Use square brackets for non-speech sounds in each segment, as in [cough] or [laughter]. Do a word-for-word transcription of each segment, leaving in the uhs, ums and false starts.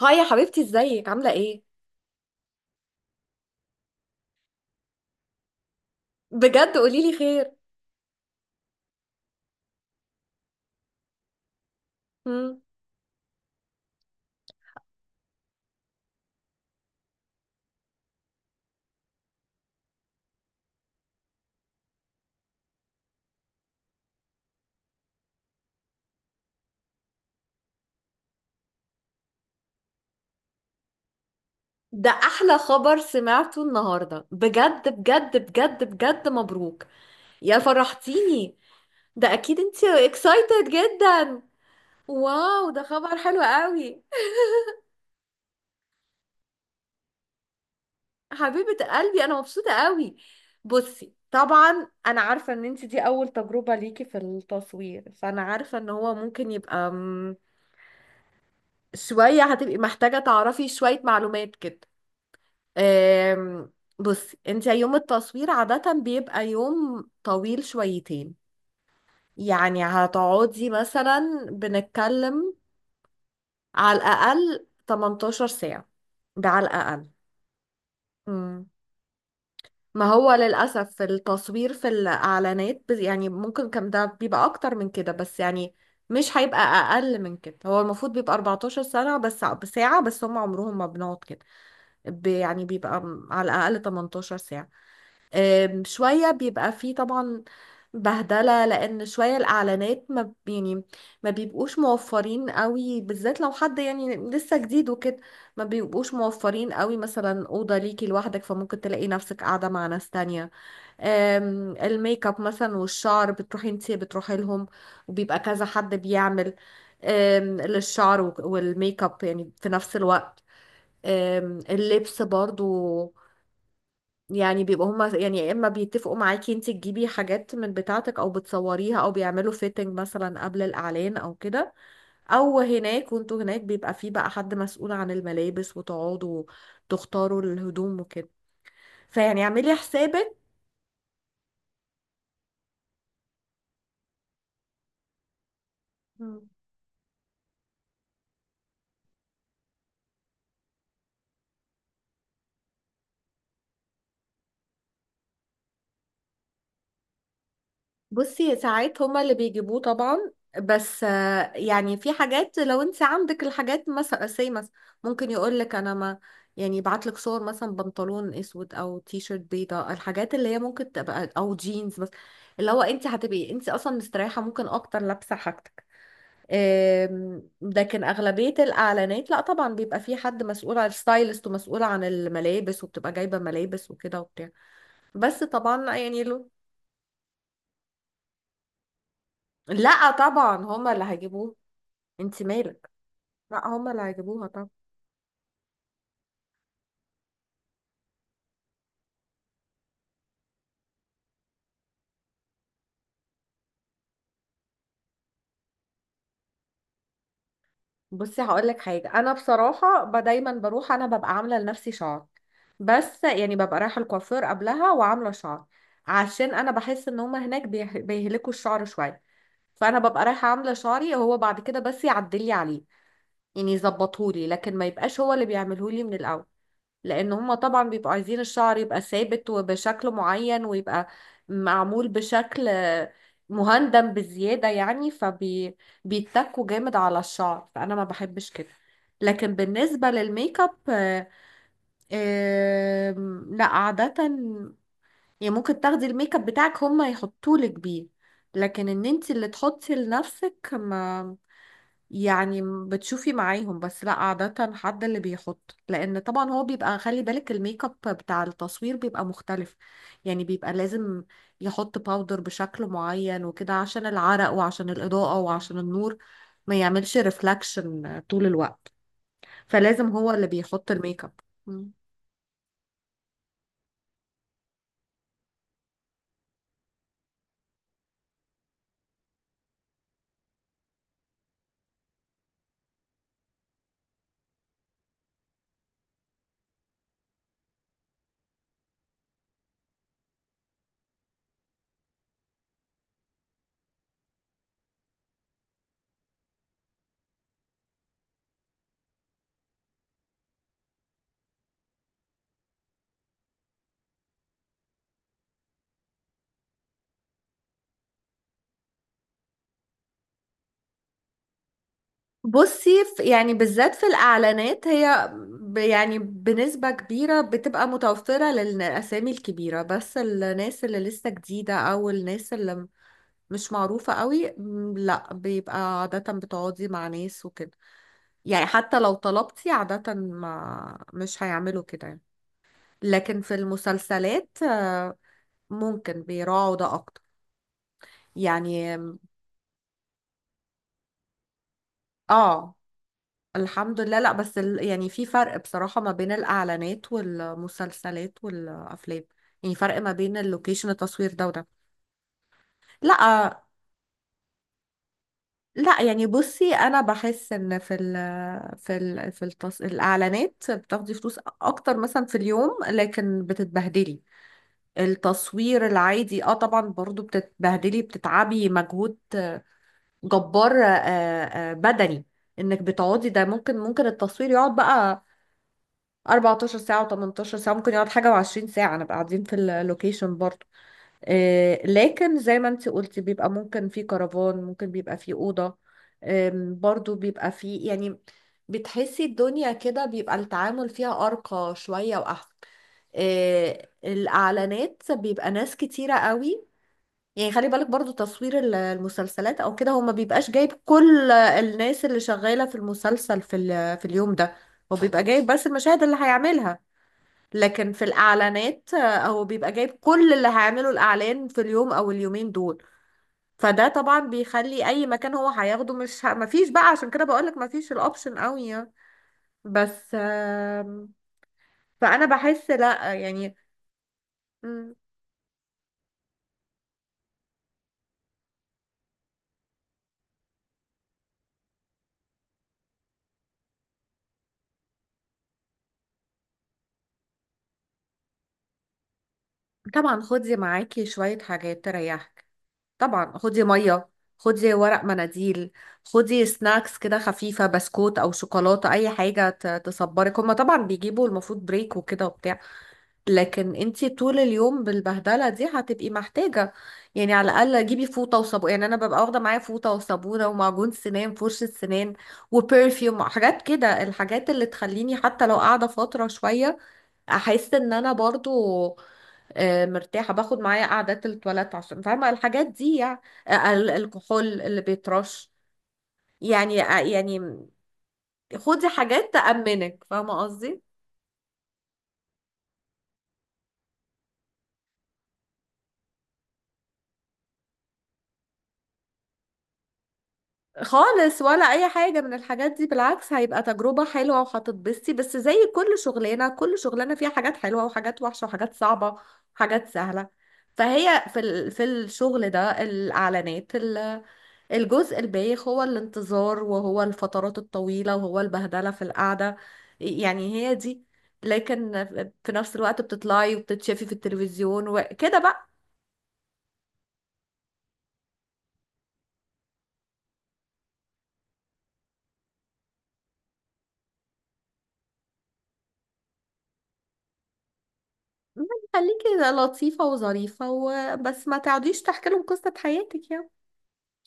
هاي يا حبيبتي، ازيك؟ عاملة ايه؟ بجد قوليلي خير. مم. ده احلى خبر سمعته النهاردة بجد بجد بجد بجد. مبروك يا فرحتيني. ده اكيد انتي اكسايتد جدا. واو، ده خبر حلو قوي. حبيبة قلبي انا مبسوطة قوي. بصي طبعا انا عارفة ان انتي دي اول تجربة ليكي في التصوير، فانا عارفة ان هو ممكن يبقى مم، شوية. هتبقي محتاجة تعرفي شوية معلومات كده. آم، بصي انت يوم التصوير عادة بيبقى يوم طويل شويتين. يعني هتقعدي مثلا بنتكلم على الأقل 18 ساعة، ده على الأقل. مم. ما هو للأسف في التصوير في الإعلانات بز- يعني ممكن كان ده بيبقى أكتر من كده، بس يعني مش هيبقى أقل من كده. هو المفروض بيبقى 14 سنة بس ساعة، بس هم عمرهم ما بنقعد كده. ب- يعني بيبقى م- على الأقل 18 ساعة. أم، شوية بيبقى فيه طبعا بهدلة، لأن شوية الإعلانات ما ب- يعني ما بيبقوش موفرين قوي بالذات لو حد يعني لسه جديد وكده. ما بيبقوش موفرين قوي مثلا أوضة ليكي لوحدك، فممكن تلاقي نفسك قاعدة مع ناس تانية. أم، الميك اب مثلا والشعر بتروحي انتي بتروحي لهم، وبيبقى كذا حد بيعمل أم، للشعر وك- والميك اب يعني في نفس الوقت. أم، اللبس برضو، يعني بيبقى هما يعني يا اما بيتفقوا معاكي انت تجيبي حاجات من بتاعتك او بتصوريها او بيعملوا فيتنج مثلا قبل الاعلان او كده، او هناك وانتوا هناك بيبقى في بقى حد مسؤول عن الملابس وتقعدوا تختاروا الهدوم وكده. فيعني اعملي حسابك. بصي ساعات هما اللي بيجيبوه طبعا، بس آه، يعني في حاجات لو انت عندك الحاجات مثلا سي مثلا، ممكن يقول لك انا ما يعني يبعت لك صور مثلا بنطلون اسود او تي شيرت بيضاء، الحاجات اللي هي ممكن تبقى او جينز بس، اللي هو انت هتبقي انت اصلا مستريحه ممكن اكتر لابسه حاجتك. آم، لكن اغلبيه الاعلانات لا طبعا بيبقى في حد مسؤول عن الستايلست ومسؤول عن الملابس، وبتبقى جايبه ملابس وكده وبتاع، بس طبعا يعني له. لا طبعا هما اللي هيجيبوه، انت مالك. لا هما اللي هيجيبوها طبعا. بصي هقول لك حاجه، انا بصراحه ب- دايما بروح انا ببقى عامله لنفسي شعر، بس يعني ببقى رايحه الكوافير قبلها وعامله شعر، عشان انا بحس ان هما هناك بيه- بيهلكوا الشعر شويه. فانا ببقى رايحه عامله شعري، هو بعد كده بس يعدلي عليه، يعني يظبطهولي، لكن ما يبقاش هو اللي بيعملهولي من الاول، لان هما طبعا بيبقوا عايزين الشعر يبقى ثابت وبشكل معين، ويبقى معمول بشكل مهندم بزيادة يعني، فبيتكوا جامد على الشعر، فانا ما بحبش كده. لكن بالنسبة للميك اب آه، آم، لا عادة يعني ممكن تاخدي الميك اب بتاعك هما يحطولك بيه، لكن ان انت اللي تحطي لنفسك ما يعني بتشوفي معاهم، بس لا عادة حد اللي بيحط، لأن طبعا هو بيبقى خلي بالك الميك اب بتاع التصوير بيبقى مختلف، يعني بيبقى لازم يحط باودر بشكل معين وكده عشان العرق وعشان الإضاءة وعشان النور ما يعملش ريفلاكشن طول الوقت. فلازم هو اللي بيحط الميك اب. بصي ف- يعني بالذات في الإعلانات هي ب- يعني بنسبة كبيرة بتبقى متوفرة للأسامي الكبيرة، بس الناس اللي لسه جديدة أو الناس اللي م- مش معروفة قوي م، لا بيبقى عادة بتقعدي مع ناس وكده. يعني حتى لو طلبتي عادة ما مش هيعملوا كده يعني. لكن في المسلسلات آه، ممكن بيراعوا ده أكتر يعني. اه، الحمد لله. لا بس ال... يعني في فرق بصراحة ما بين الإعلانات والمسلسلات والأفلام، يعني فرق ما بين اللوكيشن التصوير ده وده. لا، لا، يعني بصي أنا بحس إن في ال... في ال... في التص... الإعلانات بتاخدي فلوس أكتر مثلا في اليوم، لكن بتتبهدلي. التصوير العادي اه طبعا برضو بتتبهدلي، بتتعبي مجهود جبار، آه، آه، بدني، انك بتقعدي. ده ممكن ممكن التصوير يقعد بقى 14 ساعة و18 ساعة، ممكن يقعد حاجة و20 ساعة نبقى قاعدين في اللوكيشن برضو. آه، لكن زي ما انت قلتي بيبقى ممكن في كرفان، ممكن بيبقى في أوضة. آم، برضو بيبقى في، يعني بتحسي الدنيا كده بيبقى التعامل فيها أرقى شوية وأحسن. آه، الإعلانات بيبقى ناس كتيرة قوي، يعني خلي بالك برضو تصوير ال- المسلسلات او كده هو ما بيبقاش جايب كل الناس اللي شغالة في المسلسل في ال- في اليوم ده. هو بيبقى جايب بس المشاهد اللي هيعملها. لكن في الإعلانات آه، هو بيبقى جايب كل اللي هيعمله الإعلان في اليوم أو اليومين دول. فده طبعا بيخلي أي مكان هو هياخده مش ه... مفيش بقى. عشان كده بقولك مفيش الأوبشن قوي يعني. بس آم، فأنا بحس لأ يعني. مم، طبعا خدي معاكي شوية حاجات تريحك. طبعا خدي مية، خدي ورق مناديل، خدي سناكس كده خفيفة، بسكوت أو شوكولاتة أي حاجة ت- تصبرك. هما طبعا بيجيبوا المفروض بريك وكده وبتاع، لكن انتي طول اليوم بالبهدله دي هتبقي محتاجه. يعني على الاقل جيبي فوطه وصابون، يعني انا ببقى واخده معايا فوطه وصابونه ومعجون سنان فرشه سنان وبرفيوم، حاجات كده، الحاجات اللي تخليني حتى لو قاعده فتره شويه احس ان انا برضو آه، مرتاحه. باخد معايا قعدات التواليت عشان فاهمه الحاجات دي يعني. آه، ال- الكحول اللي بيترش، يعني آه، يعني خدي حاجات تأمنك، فاهمه قصدي. خالص ولا اي حاجه من الحاجات دي، بالعكس هيبقى تجربه حلوه وهتتبسطي، بس زي كل شغلانه كل شغلانه فيها حاجات حلوه وحاجات وحشه وحاجات صعبه وحاجات سهله. فهي في ال... في الشغل ده الاعلانات ال- الجزء البايخ هو الانتظار وهو الفترات الطويله وهو البهدله في القعده، يعني هي دي. لكن في نفس الوقت بتطلعي وبتتشافي في التلفزيون وكده بقى. يعني خليكي لطيفه وظريفه وبس، ما تقعديش تحكي لهم قصه حياتك يعني.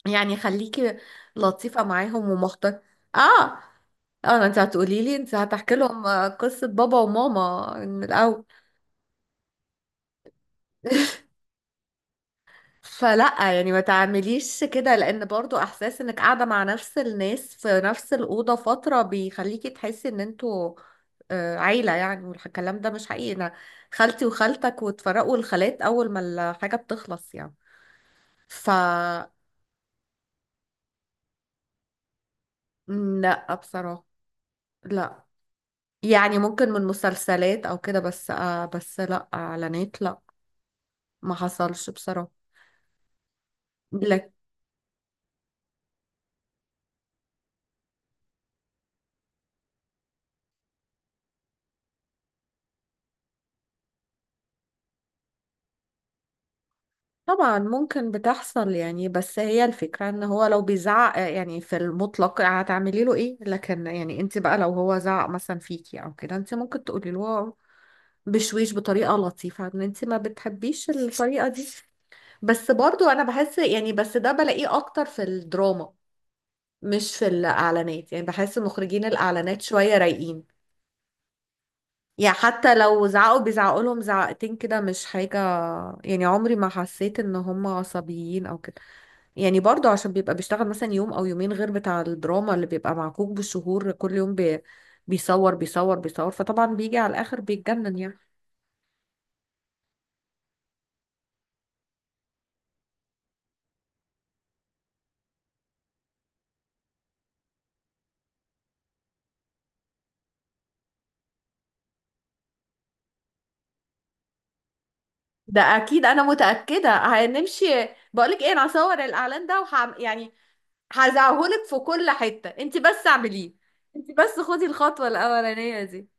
يعني خليكي لطيفة معاهم ومحترمة. اه، اه، انت هتقولي لي انت هتحكي لهم آه، قصة بابا وماما من الاول. [laughs] فلا يعني ما تعمليش كده، لان برضو احساس انك قاعدة مع نفس الناس في نفس الأوضة فترة بيخليكي تحسي ان انتوا آه، عيلة يعني، والكلام ده مش حقيقي. انا خالتي وخالتك، وتفرقوا الخالات اول ما الحاجة بتخلص يعني. ف، لا بصراحة، لا. يعني ممكن من مسلسلات او كده، بس آه بس لا اعلانات، لا. ما حصلش بصراحة. لك، طبعا ممكن بتحصل يعني، بس هي الفكرة ان هو لو بيزعق آه، يعني في المطلق هتعملي له ايه؟ لكن يعني انت بقى لو هو زعق مثلا فيكي او كده انت ممكن تقولي له بشويش بطريقة لطيفة ان انت ما بتحبيش الطريقة دي. بس برضو انا بحس يعني، بس ده بلاقيه اكتر في الدراما مش في الاعلانات يعني. بحس مخرجين الاعلانات شوية رايقين، يعني حتى لو زعقوا بيزعقوا لهم زعقتين كده، مش حاجة يعني. عمري ما حسيت ان هم عصبيين او كده، يعني برضو عشان بيبقى بيشتغل مثلا يوم او يومين، غير بتاع الدراما اللي بيبقى معكوك بالشهور كل يوم بي بيصور بيصور بيصور، فطبعا بيجي على الاخر بيتجنن يعني. ده اكيد انا متأكدة هنمشي. بقولك ايه، انا هصور الاعلان ده وح... يعني هزعهولك في كل حتة، انت بس اعمليه، انت بس خدي الخطوة الاولانية دي.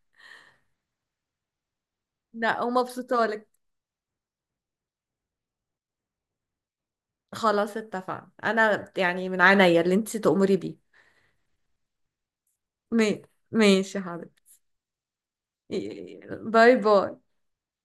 لا ومبسوطة. خلاص اتفقنا، انا يعني من عينيا اللي انت تأمري بيه. ما- ماشي يا حبيبتي. باي باي.